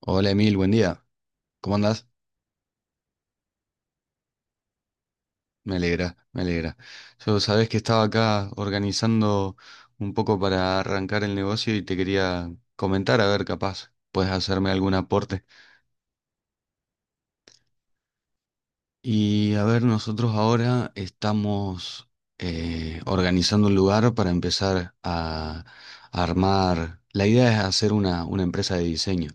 Hola Emil, buen día. ¿Cómo andás? Me alegra, me alegra. Yo Sabés que estaba acá organizando un poco para arrancar el negocio y te quería comentar, a ver, capaz, puedes hacerme algún aporte. Y a ver, nosotros ahora estamos organizando un lugar para empezar a armar. La idea es hacer una empresa de diseño.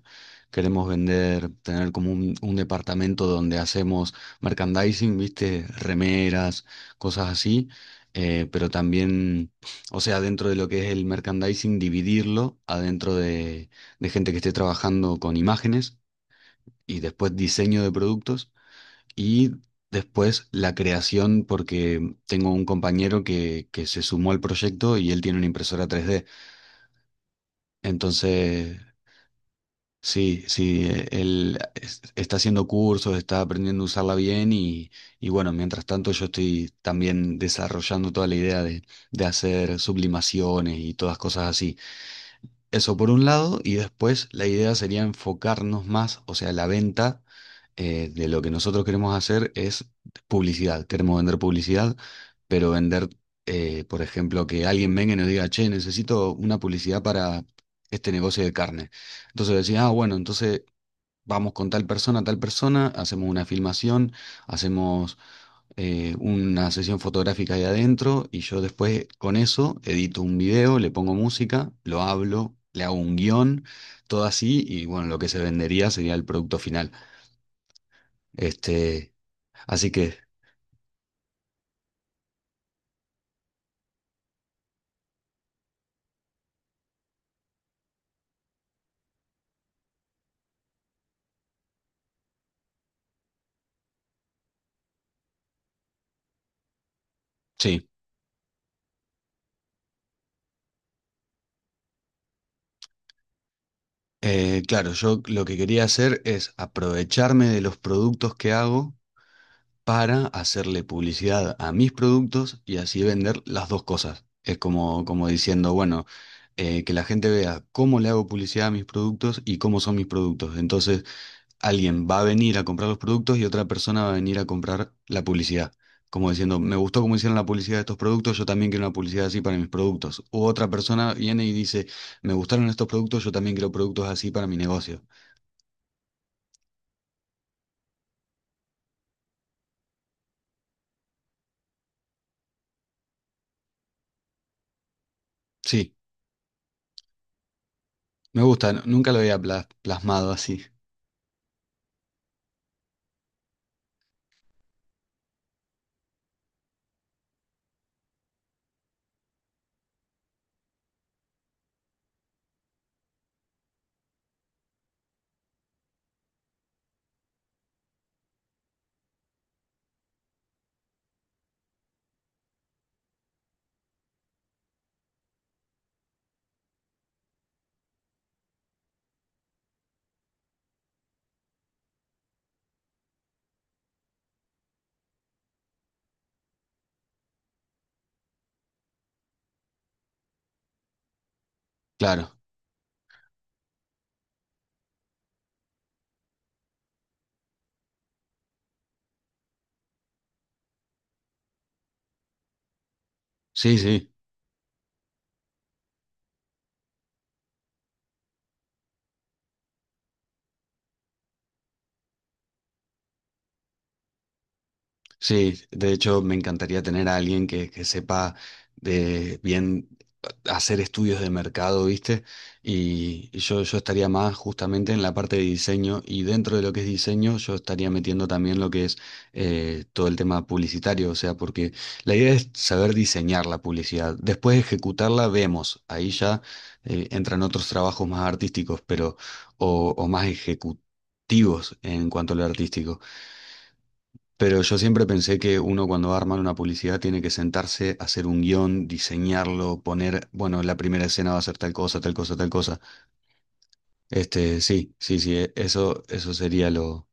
Queremos vender, tener como un departamento donde hacemos merchandising, viste, remeras, cosas así. Pero también, o sea, dentro de lo que es el merchandising, dividirlo adentro de gente que esté trabajando con imágenes y después diseño de productos. Y después la creación, porque tengo un compañero que se sumó al proyecto y él tiene una impresora 3D. Entonces, sí, sí, está haciendo cursos, está aprendiendo a usarla bien y bueno, mientras tanto yo estoy también desarrollando toda la idea de hacer sublimaciones y todas cosas así. Eso por un lado, y después la idea sería enfocarnos más, o sea, la venta de lo que nosotros queremos hacer es publicidad. Queremos vender publicidad, pero vender, por ejemplo, que alguien venga y nos diga, che, necesito una publicidad para este negocio de carne. Entonces decía, ah, bueno, entonces vamos con tal persona, hacemos una filmación, hacemos una sesión fotográfica ahí adentro y yo después con eso edito un video, le pongo música, lo hablo, le hago un guión, todo así y bueno, lo que se vendería sería el producto final. Este, así que sí. Claro, yo lo que quería hacer es aprovecharme de los productos que hago para hacerle publicidad a mis productos y así vender las dos cosas. Es como, como diciendo, bueno, que la gente vea cómo le hago publicidad a mis productos y cómo son mis productos. Entonces, alguien va a venir a comprar los productos y otra persona va a venir a comprar la publicidad. Como diciendo, me gustó cómo hicieron la publicidad de estos productos, yo también quiero una publicidad así para mis productos. U otra persona viene y dice, me gustaron estos productos, yo también quiero productos así para mi negocio. Sí, me gusta, nunca lo había plasmado así. Claro, sí, sí. Sí, de hecho me encantaría tener a alguien que sepa de bien hacer estudios de mercado, ¿viste? Y, y yo estaría más justamente en la parte de diseño y dentro de lo que es diseño yo estaría metiendo también lo que es todo el tema publicitario, o sea, porque la idea es saber diseñar la publicidad, después ejecutarla vemos, ahí ya entran otros trabajos más artísticos, pero o más ejecutivos en cuanto a lo artístico. Pero yo siempre pensé que uno cuando va a armar una publicidad tiene que sentarse, hacer un guión, diseñarlo, poner, bueno, la primera escena va a ser tal cosa, tal cosa, tal cosa. Este, sí, sí, sí, eso, eso sería lo...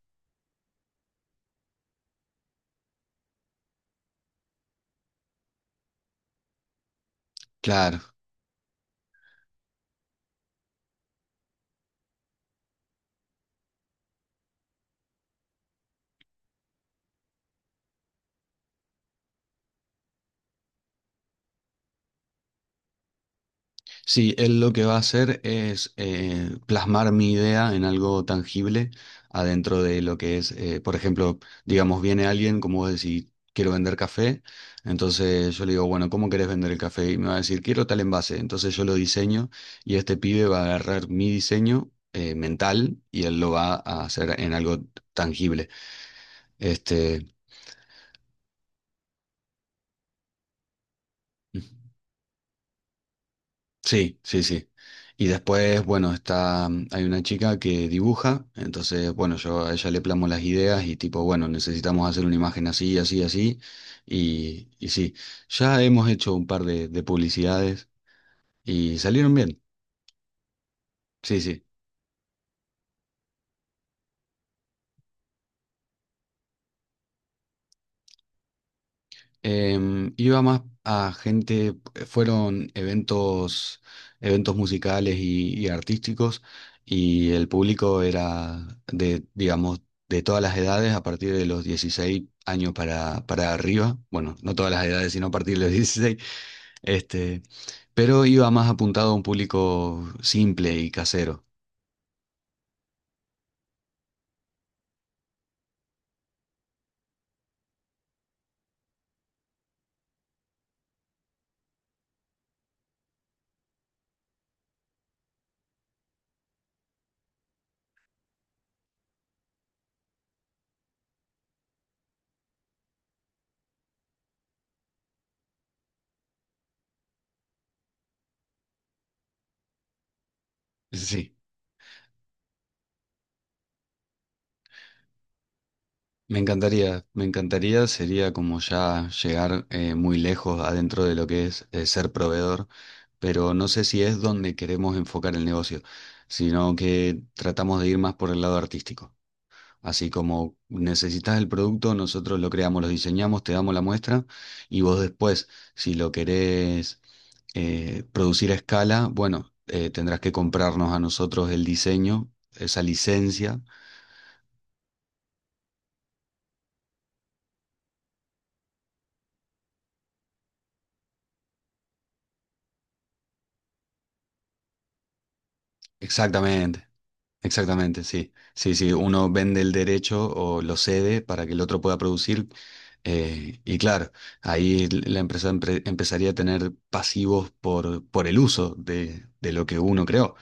Claro, sí, él lo que va a hacer es plasmar mi idea en algo tangible adentro de lo que es, por ejemplo, digamos, viene alguien, como vos decís, quiero vender café, entonces yo le digo, bueno, ¿cómo querés vender el café? Y me va a decir, quiero tal envase, entonces yo lo diseño y este pibe va a agarrar mi diseño mental y él lo va a hacer en algo tangible. Este. Sí, sí, sí. Y después, bueno, está, hay una chica que dibuja, entonces, bueno, yo a ella le plamo las ideas y tipo, bueno, necesitamos hacer una imagen así, así, así. Y sí, ya hemos hecho un par de publicidades y salieron bien. Sí, sí. Iba más a gente, fueron eventos, eventos musicales y artísticos, y el público era de, digamos, de todas las edades, a partir de los 16 años para arriba. Bueno, no todas las edades, sino a partir de los 16. Este, pero iba más apuntado a un público simple y casero. Sí. Me encantaría, sería como ya llegar muy lejos adentro de lo que es ser proveedor, pero no sé si es donde queremos enfocar el negocio, sino que tratamos de ir más por el lado artístico. Así como necesitas el producto, nosotros lo creamos, lo diseñamos, te damos la muestra y vos después, si lo querés producir a escala, bueno, tendrás que comprarnos a nosotros el diseño, esa licencia. Exactamente, exactamente, sí. Sí, sí, uno vende el derecho o lo cede para que el otro pueda producir. Y claro, ahí la empresa empezaría a tener pasivos por el uso de lo que uno creó.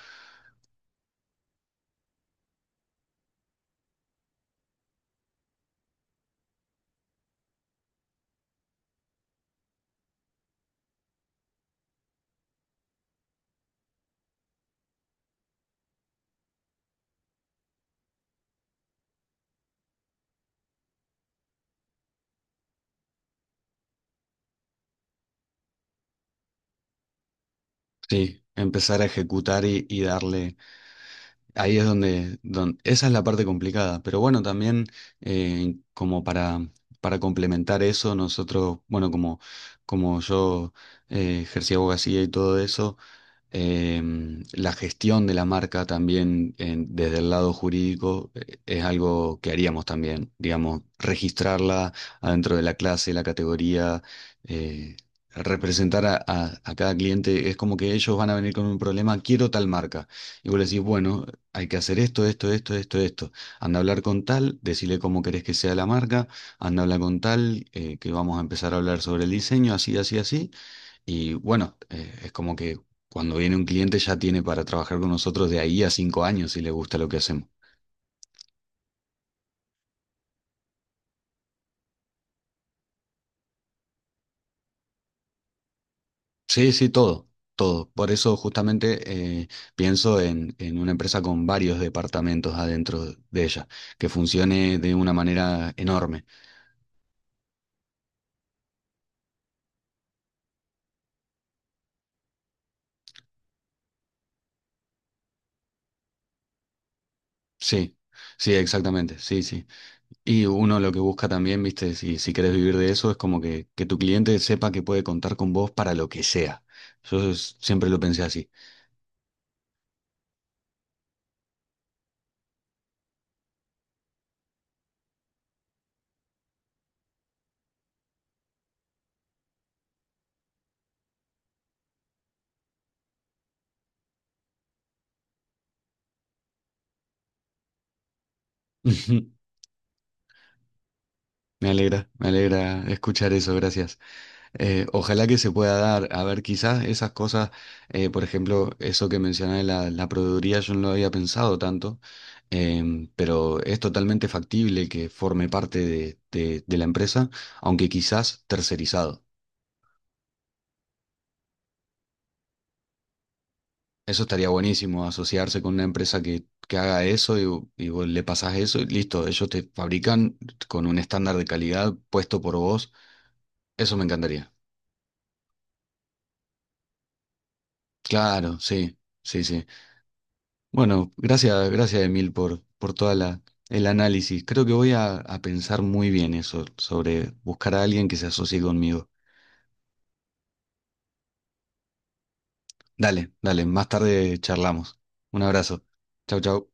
Sí, empezar a ejecutar y darle. Ahí es donde, esa es la parte complicada. Pero bueno, también como para complementar eso, nosotros, bueno, como, como yo ejercí abogacía y todo eso. Eh, la gestión de la marca también desde el lado jurídico, es algo que haríamos también, digamos, registrarla adentro de la clase, la categoría, eh, representar a cada cliente. Es como que ellos van a venir con un problema, quiero tal marca. Y vos le decís, bueno, hay que hacer esto, esto, esto, esto, esto. Anda a hablar con tal, decirle cómo querés que sea la marca, anda a hablar con tal, que vamos a empezar a hablar sobre el diseño, así, así, así. Y bueno, es como que cuando viene un cliente ya tiene para trabajar con nosotros de ahí a 5 años si le gusta lo que hacemos. Sí, sí, todo, todo. Por eso justamente pienso en una empresa con varios departamentos adentro de ella, que funcione de una manera enorme. Sí, sí, exactamente, sí, sí. Y uno lo que busca también, viste, si querés vivir de eso, es como que tu cliente sepa que puede contar con vos para lo que sea. Yo siempre lo pensé así. Me alegra escuchar eso, gracias. Ojalá que se pueda dar, a ver, quizás esas cosas, por ejemplo, eso que mencioné, la proveeduría, yo no lo había pensado tanto, pero es totalmente factible que forme parte de, de la empresa, aunque quizás tercerizado. Eso estaría buenísimo, asociarse con una empresa que haga eso y, y vos le pasás eso y listo, ellos te fabrican con un estándar de calidad puesto por vos. Eso me encantaría. Claro, sí, sí, sí. Bueno, gracias, gracias Emil por toda la, el análisis. Creo que voy a pensar muy bien eso, sobre buscar a alguien que se asocie conmigo. Dale, dale, más tarde charlamos. Un abrazo. Chau, chau.